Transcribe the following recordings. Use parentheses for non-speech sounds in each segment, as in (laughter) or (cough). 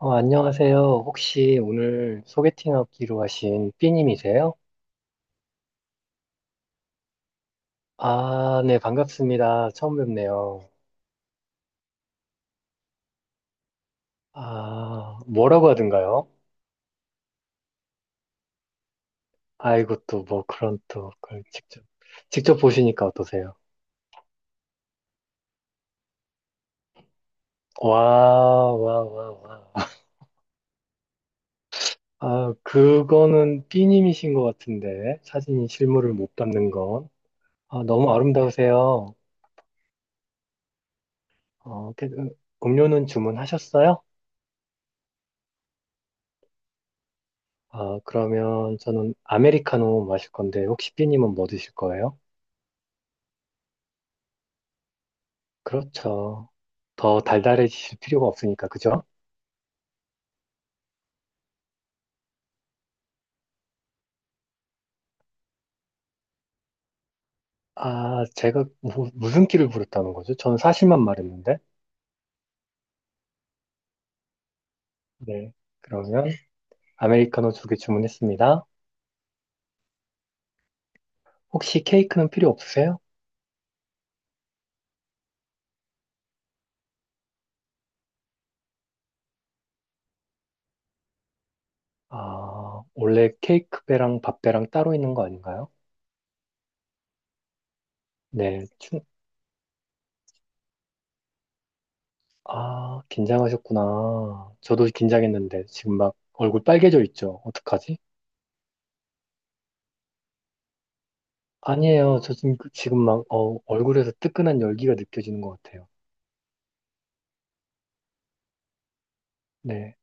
안녕하세요. 혹시 오늘 소개팅하기로 하신 삐님이세요? 아, 네, 반갑습니다. 처음 뵙네요. 아, 뭐라고 하던가요? 아이고, 또 뭐 그런 또 그걸 직접, 직접 보시니까 어떠세요? 와, 와, 와, 와. 아, 그거는 삐님이신 것 같은데, 사진이 실물을 못 담는 건. 아, 너무 아름다우세요. 어, 그, 음료는 주문하셨어요? 아, 그러면 저는 아메리카노 마실 건데, 혹시 삐님은 뭐 드실 거예요? 그렇죠. 더 달달해지실 필요가 없으니까, 그죠? 아, 제가 무슨 끼를 부렸다는 거죠? 저는 사실만 말했는데. 네. 그러면 아메리카노 두 개 주문했습니다. 혹시 케이크는 필요 없으세요? 아, 원래 케이크 배랑 밥 배랑 따로 있는 거 아닌가요? 네. 아, 긴장하셨구나. 저도 긴장했는데, 지금 막 얼굴 빨개져 있죠? 어떡하지? 아니에요. 저 지금, 지금 막, 어, 얼굴에서 뜨끈한 열기가 느껴지는 것 같아요. 네.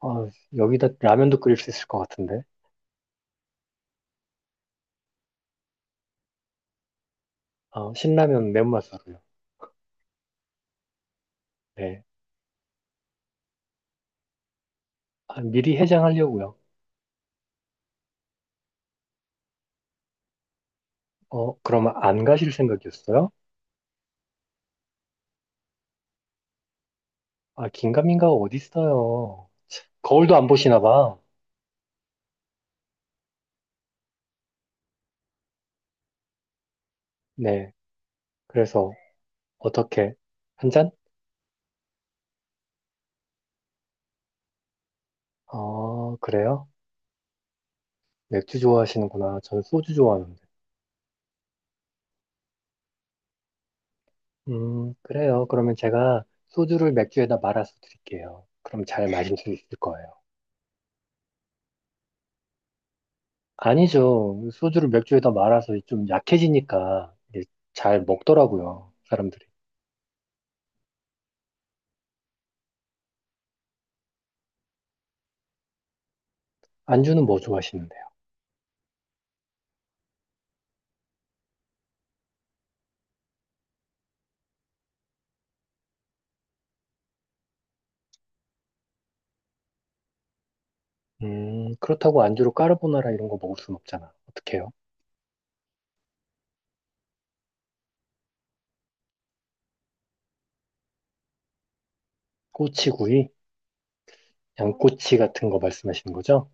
어, 여기다 라면도 끓일 수 있을 것 같은데. 어, 신라면 맨맛으로요. 네. 아, 미리 해장하려고요. 어, 그러면 안 가실 생각이었어요? 아, 긴가민가가 어디 있어요. 거울도 안 보시나 봐. 네. 그래서, 어떻게? 한 잔? 어, 그래요? 맥주 좋아하시는구나. 저는 소주 좋아하는데. 그래요. 그러면 제가 소주를 맥주에다 말아서 드릴게요. 그럼 잘 마실 수 있을 거예요. 아니죠. 소주를 맥주에다 말아서 좀 약해지니까 이게 잘 먹더라고요, 사람들이. 안주는 뭐 좋아하시는데요? 그렇다고 안주로 까르보나라 이런 거 먹을 순 없잖아. 어떡해요? 꼬치구이? 양꼬치 같은 거 말씀하시는 거죠?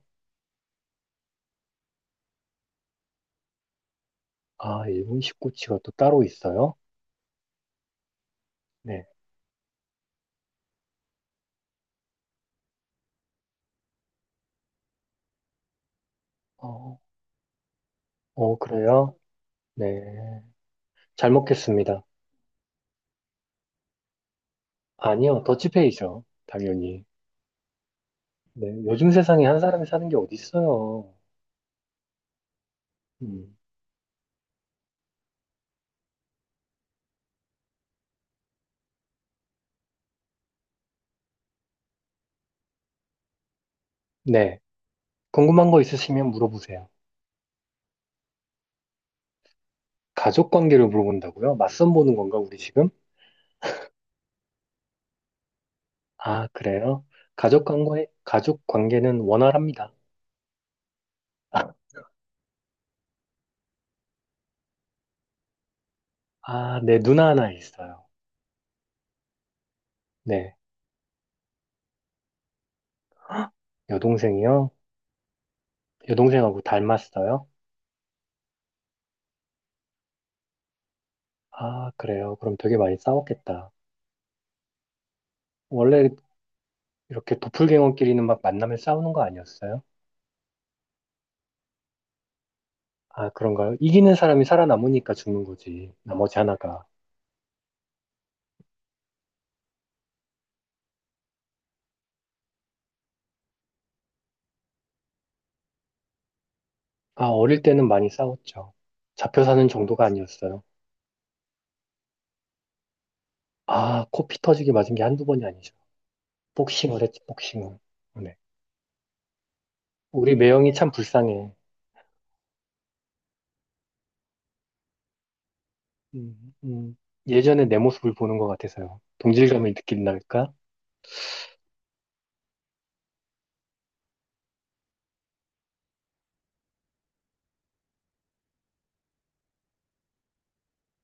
아, 일본식 꼬치가 또 따로 있어요? 네. 어, 어, 그래요? 네. 잘 먹겠습니다. 아니요, 더치페이죠. 당연히. 네. 요즘 세상에 한 사람이 사는 게 어디 있어요? 음. 네. 궁금한 거 있으시면 물어보세요. 가족 관계를 물어본다고요? 맞선 보는 건가, 우리 지금? 아, 그래요? 가족 관계는 원활합니다. 아, 네, 누나 하나 있어요. 네, 여동생이요? 여동생하고 닮았어요? 아, 그래요? 그럼 되게 많이 싸웠겠다. 원래 이렇게 도플갱어끼리는 막 만나면 싸우는 거 아니었어요? 아, 그런가요? 이기는 사람이 살아남으니까 죽는 거지. 나머지 하나가. 아, 어릴 때는 많이 싸웠죠. 잡혀 사는 정도가 아니었어요. 아, 코피 터지게 맞은 게 한두 번이 아니죠. 복싱을 했지, 복싱을. 네. 우리 매형이 참 불쌍해. 음, 음. 예전에 내 모습을 보는 것 같아서요. 동질감을 느낀달까?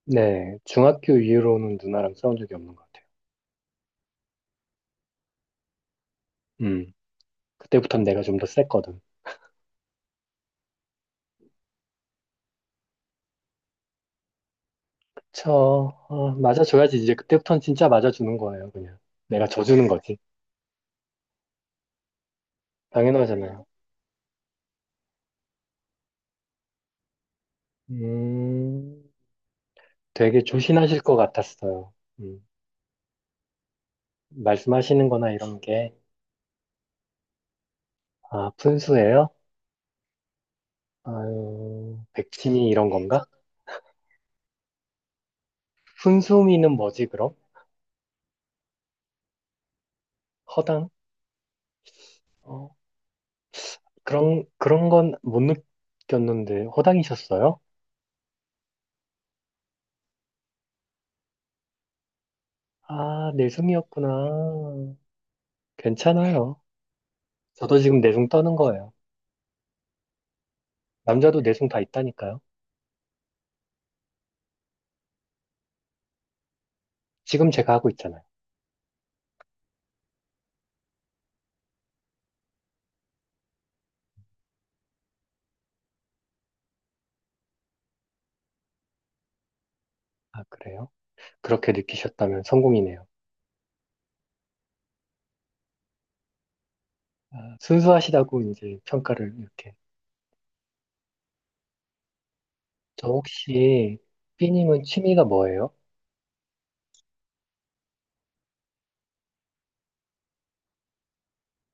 네, 중학교 이후로는 누나랑 싸운 적이 없는 것 같아요. 음, 그때부터는 내가 좀 더 셌거든. 저, 맞아줘야지. 이제 그때부터는 진짜 맞아주는 거예요, 그냥. 내가 져주는 거지. 당연하잖아요. 음, 되게 조신하실 것 같았어요. 음, 말씀하시는 거나 이런 게, 아, 푼수예요? 아유, 백치미 이런 건가? 훈수미는 뭐지, 그럼? 허당? 어, 그런, 그런 건 못 느꼈는데, 허당이셨어요? 아, 내숭이었구나. 괜찮아요. 저도 지금 내숭 떠는 거예요. 남자도 내숭 다 있다니까요. 지금 제가 하고 있잖아요. 아, 그래요? 그렇게 느끼셨다면 성공이네요. 아, 순수하시다고 이제 평가를 이렇게. 저 혹시, 삐님은 취미가 뭐예요?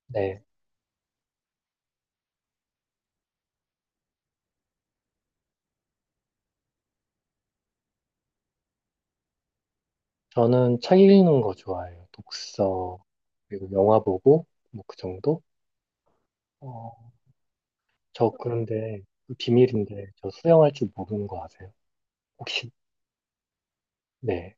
네. 저는 책 읽는 거 좋아해요. 독서, 그리고 영화 보고, 뭐 그 정도? 어, 저 그런데 그 비밀인데 저 수영할 줄 모르는 거 아세요? 혹시 네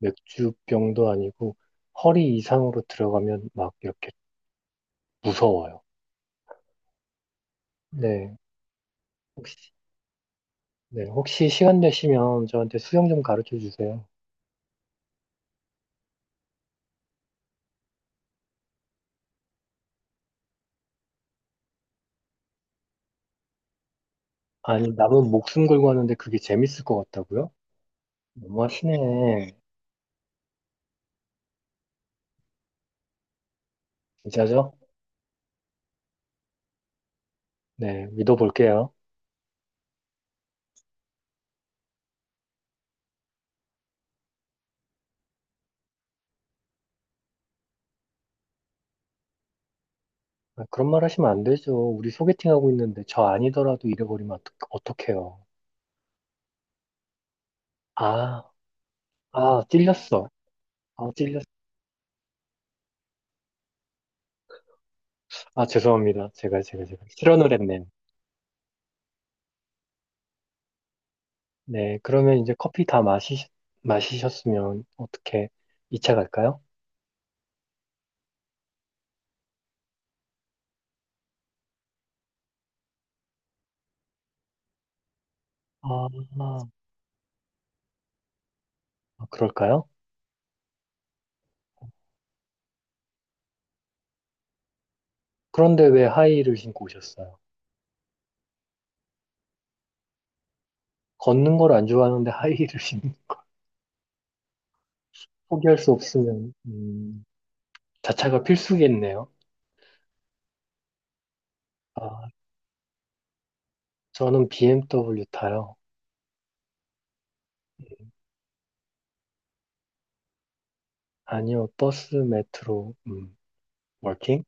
맥주병도 아니고 허리 이상으로 들어가면 막 이렇게 무서워요. 네 혹시 네 혹시 시간 되시면 저한테 수영 좀 가르쳐 주세요. 아니 남은 목숨 걸고 하는데 그게 재밌을 것 같다고요? 너무하시네. 진짜죠? 네 믿어볼게요. 아, 그런 말 하시면 안 되죠. 우리 소개팅 하고 있는데 저 아니더라도 잃어버리면 어떡해요? 아, 아, 찔렸어. 아, 찔렸어. 아, 죄송합니다. 제가. 실언을 했네요. 네, 그러면 이제 마시셨으면 어떻게 2차 갈까요? 아, 아, 그럴까요? 그런데 왜 하이힐을 신고 오셨어요? 걷는 걸 안 좋아하는데 하이힐을 신고 (laughs) 포기할 수 없으면, 자차가 필수겠네요. 아, 저는 BMW 타요. 아니요, 버스, 메트로, 워킹?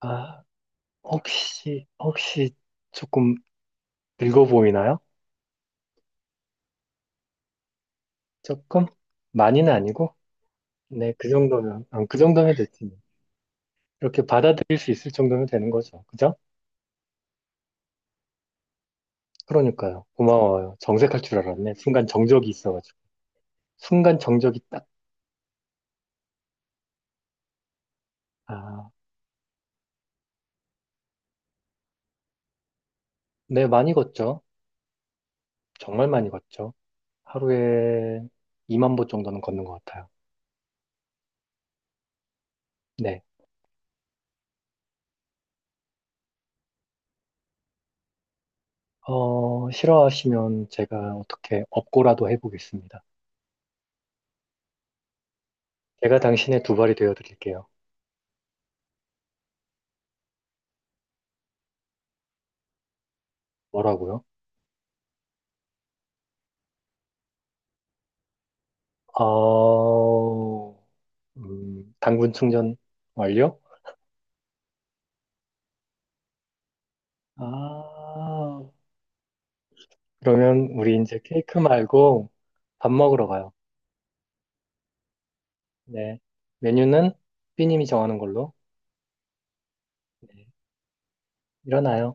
아, 혹시 조금 늙어 보이나요? 조금? 많이는 아니고? 네, 아, 그 정도면 됐지. 뭐. 이렇게 받아들일 수 있을 정도면 되는 거죠. 그죠? 그러니까요. 고마워요. 정색할 줄 알았네. 순간 정적이 있어가지고. 순간 정적이 딱, 아, 네, 많이 걷죠. 정말 많이 걷죠. 하루에 2만 보 정도는 걷는 것 같아요. 네. 어, 싫어하시면 제가 어떻게 업고라도 해보겠습니다. 제가 당신의 두 발이 되어 드릴게요. 뭐라고요? 어, 당분 충전 완료? 아, 그러면 우리 이제 케이크 말고 밥 먹으러 가요. 네. 메뉴는 삐님이 정하는 걸로. 네. 일어나요.